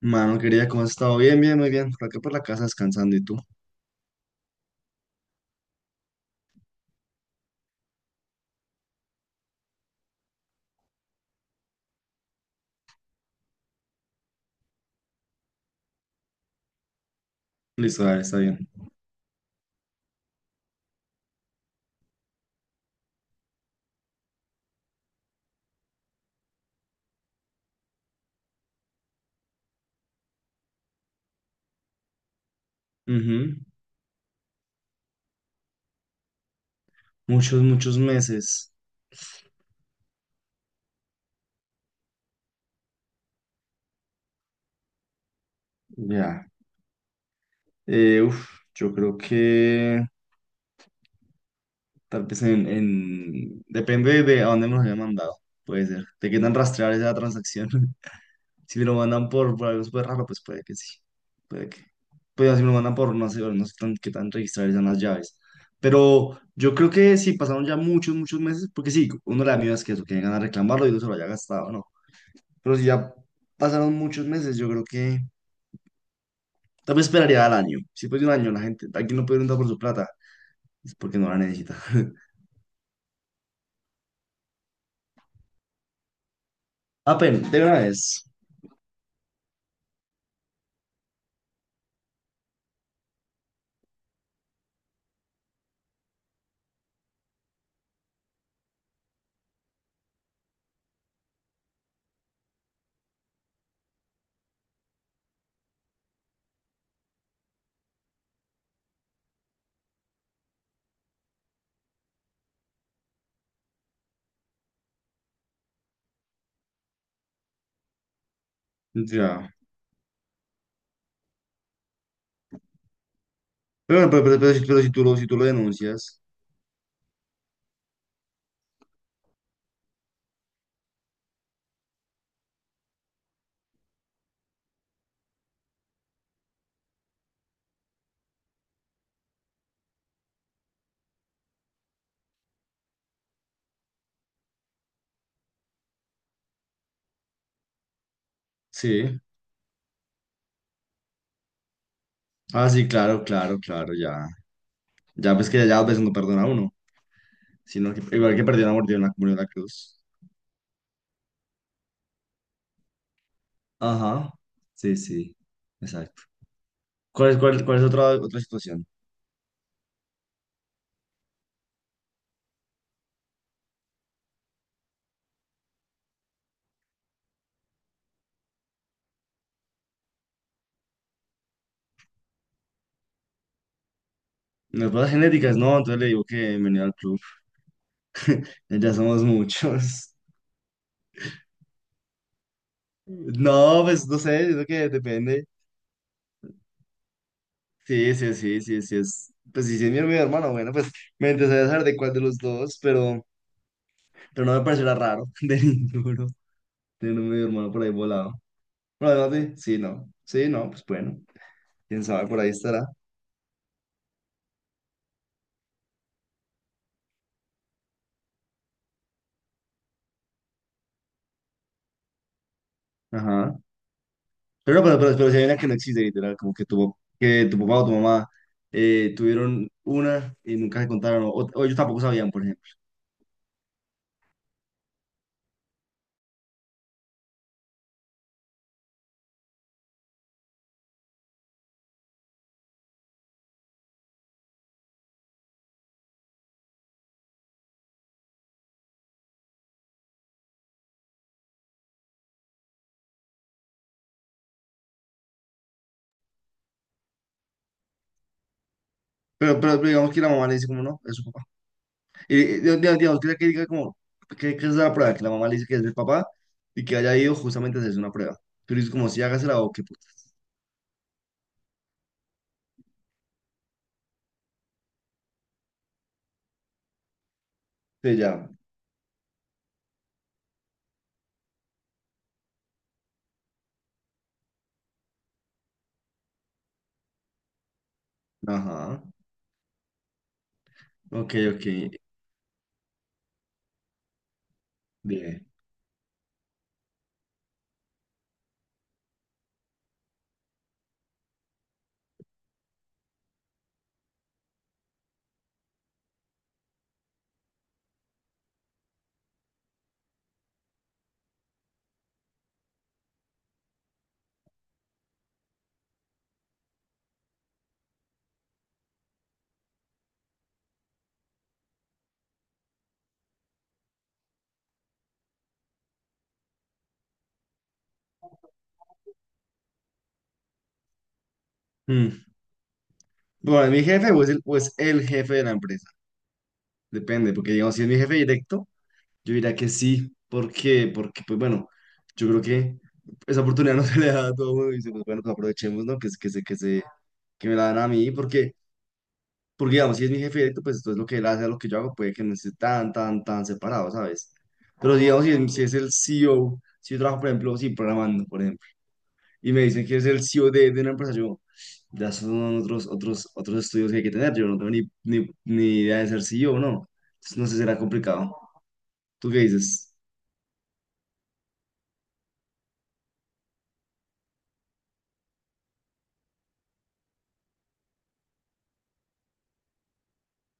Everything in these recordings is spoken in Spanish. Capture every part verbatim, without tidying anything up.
Mano, querida, ¿cómo has estado? Bien, bien, muy bien. Por acá por la casa descansando y tú. Listo, dale, está bien. Ujú. Muchos, muchos meses. Ya. Eh, uf, yo creo que tal vez en, en- depende de a dónde me los hayan mandado. Puede ser. ¿Te quedan rastrear esa transacción? Si me lo mandan por, por algo súper raro, pues puede que sí. Puede que. Pues si me lo mandan por, no sé, no sé tan- qué tan registradas son las llaves. Pero yo creo que sí, pasaron ya muchos, muchos meses, porque sí, uno de las mías es que eso, que llegan a reclamarlo y uno se lo haya gastado, ¿no? Pero si ya pasaron muchos meses, yo creo que tal vez esperaría al año. Si después de un año la gente, aquí no puede preguntar por su plata, es porque no la necesita. Apenas, de una vez. Ya. Pero, bueno, pero, pero, pero si pero si tú lo, si tú lo denuncias, sí. Ah, sí, claro, claro, claro, ya. Ya pues que ya a veces no perdona a uno, sino que igual que perdió la mordida en la comunión de la cruz. Ajá. Sí, sí. Exacto. ¿Cuál es, cuál, cuál es otra, otra situación? Las pruebas genéticas, no, entonces le digo que venía al club. Ya somos muchos. No, pues no sé, yo creo que depende. Sí, sí, sí, sí, sí es. Pues sí, sí es mi hermano, mi hermano, bueno, pues me interesaría saber de cuál de los dos, pero, pero no me parecerá raro de ninguno tener un medio hermano por ahí volado. Bueno, además de- sí, sí, no, sí, no, pues bueno, quién sabe, por ahí estará. Ajá. Pero no, pero, pero, pero si hay una que no existe, literal, como que tu, que tu papá o tu mamá eh, tuvieron una y nunca se contaron, o, o ellos tampoco sabían, por ejemplo. Pero, pero, pero digamos que la mamá le dice como no, es su papá. Eh, digamos, digamos que, ella que diga como, que, que es la prueba, que la mamá le dice que es el papá y que haya ido justamente a hacerse una prueba. Pero es como si hágasela o qué putas. Sí, ya. Ajá. Ok, ok. Bien. Mm. Bueno, ¿es mi jefe o es, el, o es el jefe de la empresa? Depende, porque digamos, si es mi jefe directo, yo diría que sí. ¿Por qué? Porque, pues bueno, yo creo que esa oportunidad no se le da a todo el mundo y dice, pues bueno, pues aprovechemos, ¿no? Que, es- que se, que se, que me la dan a mí, porque porque, digamos, si es mi jefe directo, pues entonces lo que él hace a lo que yo hago puede que no esté tan, tan, tan separado, ¿sabes? Pero, si, digamos, si es, si es el C E O, si yo trabajo, por ejemplo, sí, programando, por ejemplo, y me dicen que es el C E O de, de una empresa, yo, ya son otros, otros, otros estudios que hay que tener, yo no tengo ni, ni, ni idea de ser C E o ¿no? Entonces, no sé, será complicado. ¿Tú qué dices?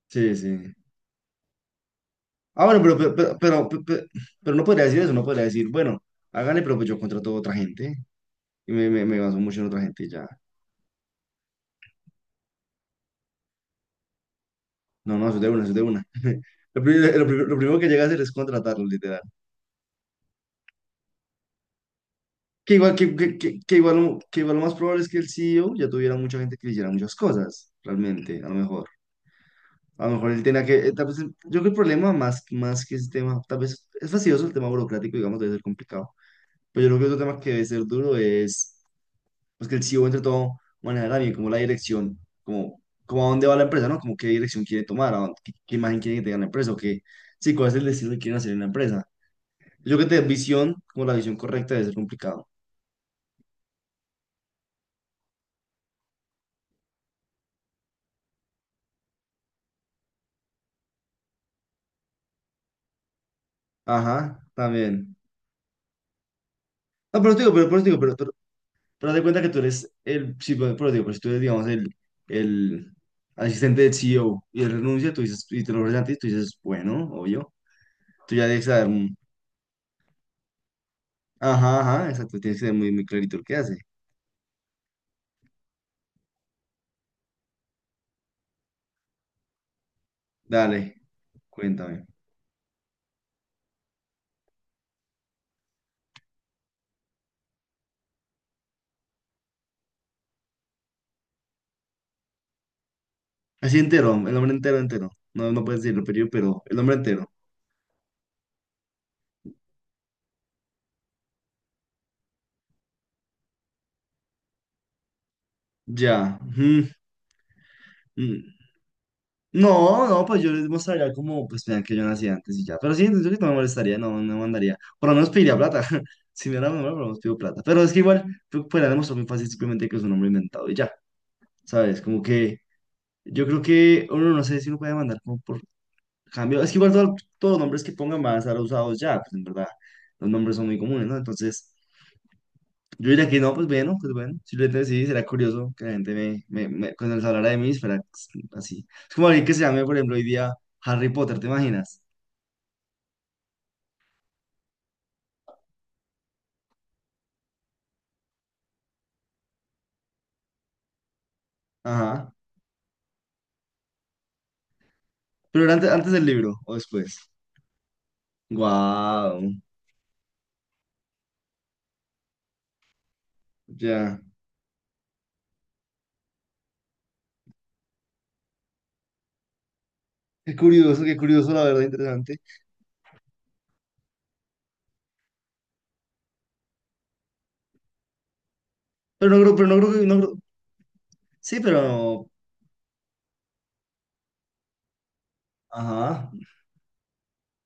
Sí, sí. Ah, bueno, pero, pero, pero, pero, pe- pe- pero no podría decir eso, no podría decir, bueno, háganle, pero pues yo contrato a otra gente y me, me, me baso mucho en otra gente y ya. No, no, eso es de una, eso es de una. Lo, primero lo primero- lo primero que llega a hacer es contratarlo, literal. Que igual, que, que, que, que igual, lo- que igual lo más probable es que el C E O ya tuviera mucha gente que le hiciera muchas cosas, realmente, a lo mejor. A lo mejor él tenía que, eh, tal vez, yo creo que el problema más, más que ese tema, tal vez es fastidioso el tema burocrático, digamos, debe ser complicado. Pero yo creo que otro tema que debe ser duro es, pues que el C E O entre todo maneja también como la dirección, como, como a dónde va la empresa, ¿no? Como qué dirección quiere tomar, a dónde- qué, qué imagen quiere que tenga la empresa, o qué, sí, cuál es el destino que quieren hacer en la empresa. Yo creo que tener visión, como la visión correcta, debe ser complicado. Ajá, también. No, pero te digo, pero, pero te digo, pero, pero, pero haz de cuenta que tú eres el, sí, pero, pero te digo, pero si tú eres, digamos, el, el asistente del C E O y él renuncia, tú dices, y te lo ofrecen a ti, tú dices, bueno, obvio. Tú ya debes saber, mm, ajá, ajá, exacto, tienes que ser muy, muy clarito el que hace. Dale, cuéntame. Así entero, el hombre entero, entero. No, no puedes decirlo, pero yo, pero el hombre entero. Ya. mm, mm. No, no, pues yo les mostraría como, pues vean que yo nací antes y ya. Pero sí, yo creo que no me molestaría, no, no me mandaría. Por lo menos pediría plata. Si me era menor, por lo menos pido plata. Pero es que igual, tú podrías demostrar muy fácil simplemente que es un hombre inventado y ya, ¿sabes? Como que yo creo que uno no sé si uno puede mandar como por cambio. Es que igual todo- todos los nombres que pongan van a estar usados ya, pues en verdad. Los nombres son muy comunes, ¿no? Entonces, yo diría que no, pues bueno, pues bueno. Simplemente sí, será curioso que la gente me, me, me- cuando les hablara de mí, fuera así. Es como alguien que se llame, por ejemplo, hoy día Harry Potter, ¿te imaginas? Ajá. Pero era antes, ¿antes del libro o después? Guau. Ya. Qué curioso, qué curioso, la verdad, interesante. Pero no creo, pero no creo que. No creo. Sí, pero. Ajá.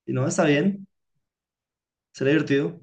Y no, está bien. Será divertido.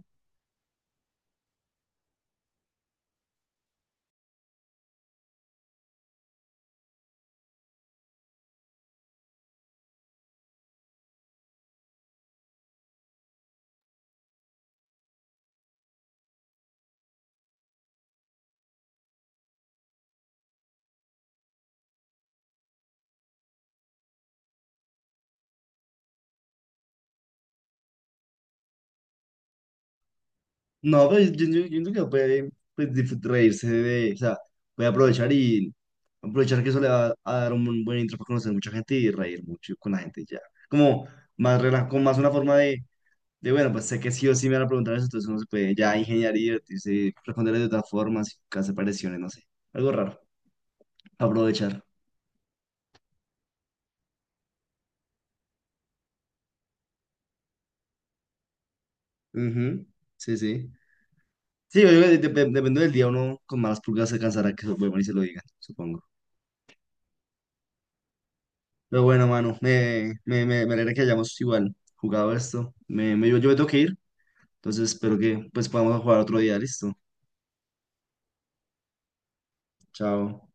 No, pero yo, yo, yo creo que puede, pues, disfrut- reírse de. O sea, voy a aprovechar y aprovechar que eso le va a dar un buen intro para conocer mucha gente y reír mucho con la gente y ya. Como más rela- con más una forma de, de, bueno, pues sé que sí o sí me van a preguntar eso, entonces uno se puede ya ingeniar y divertirse, responderle de otras formas, hacer pareciones, no sé. Algo raro. Aprovechar. Ujú, sí, sí. Sí, yo digo que dep- depende del día, uno con malas pulgas se cansará que se lo vuelvan y se lo digan, supongo. Pero bueno, mano, me, me, me, me alegra que hayamos igual jugado esto. Me, me- yo, yo me tengo que ir, entonces espero que pues podamos jugar otro día, listo. Chao.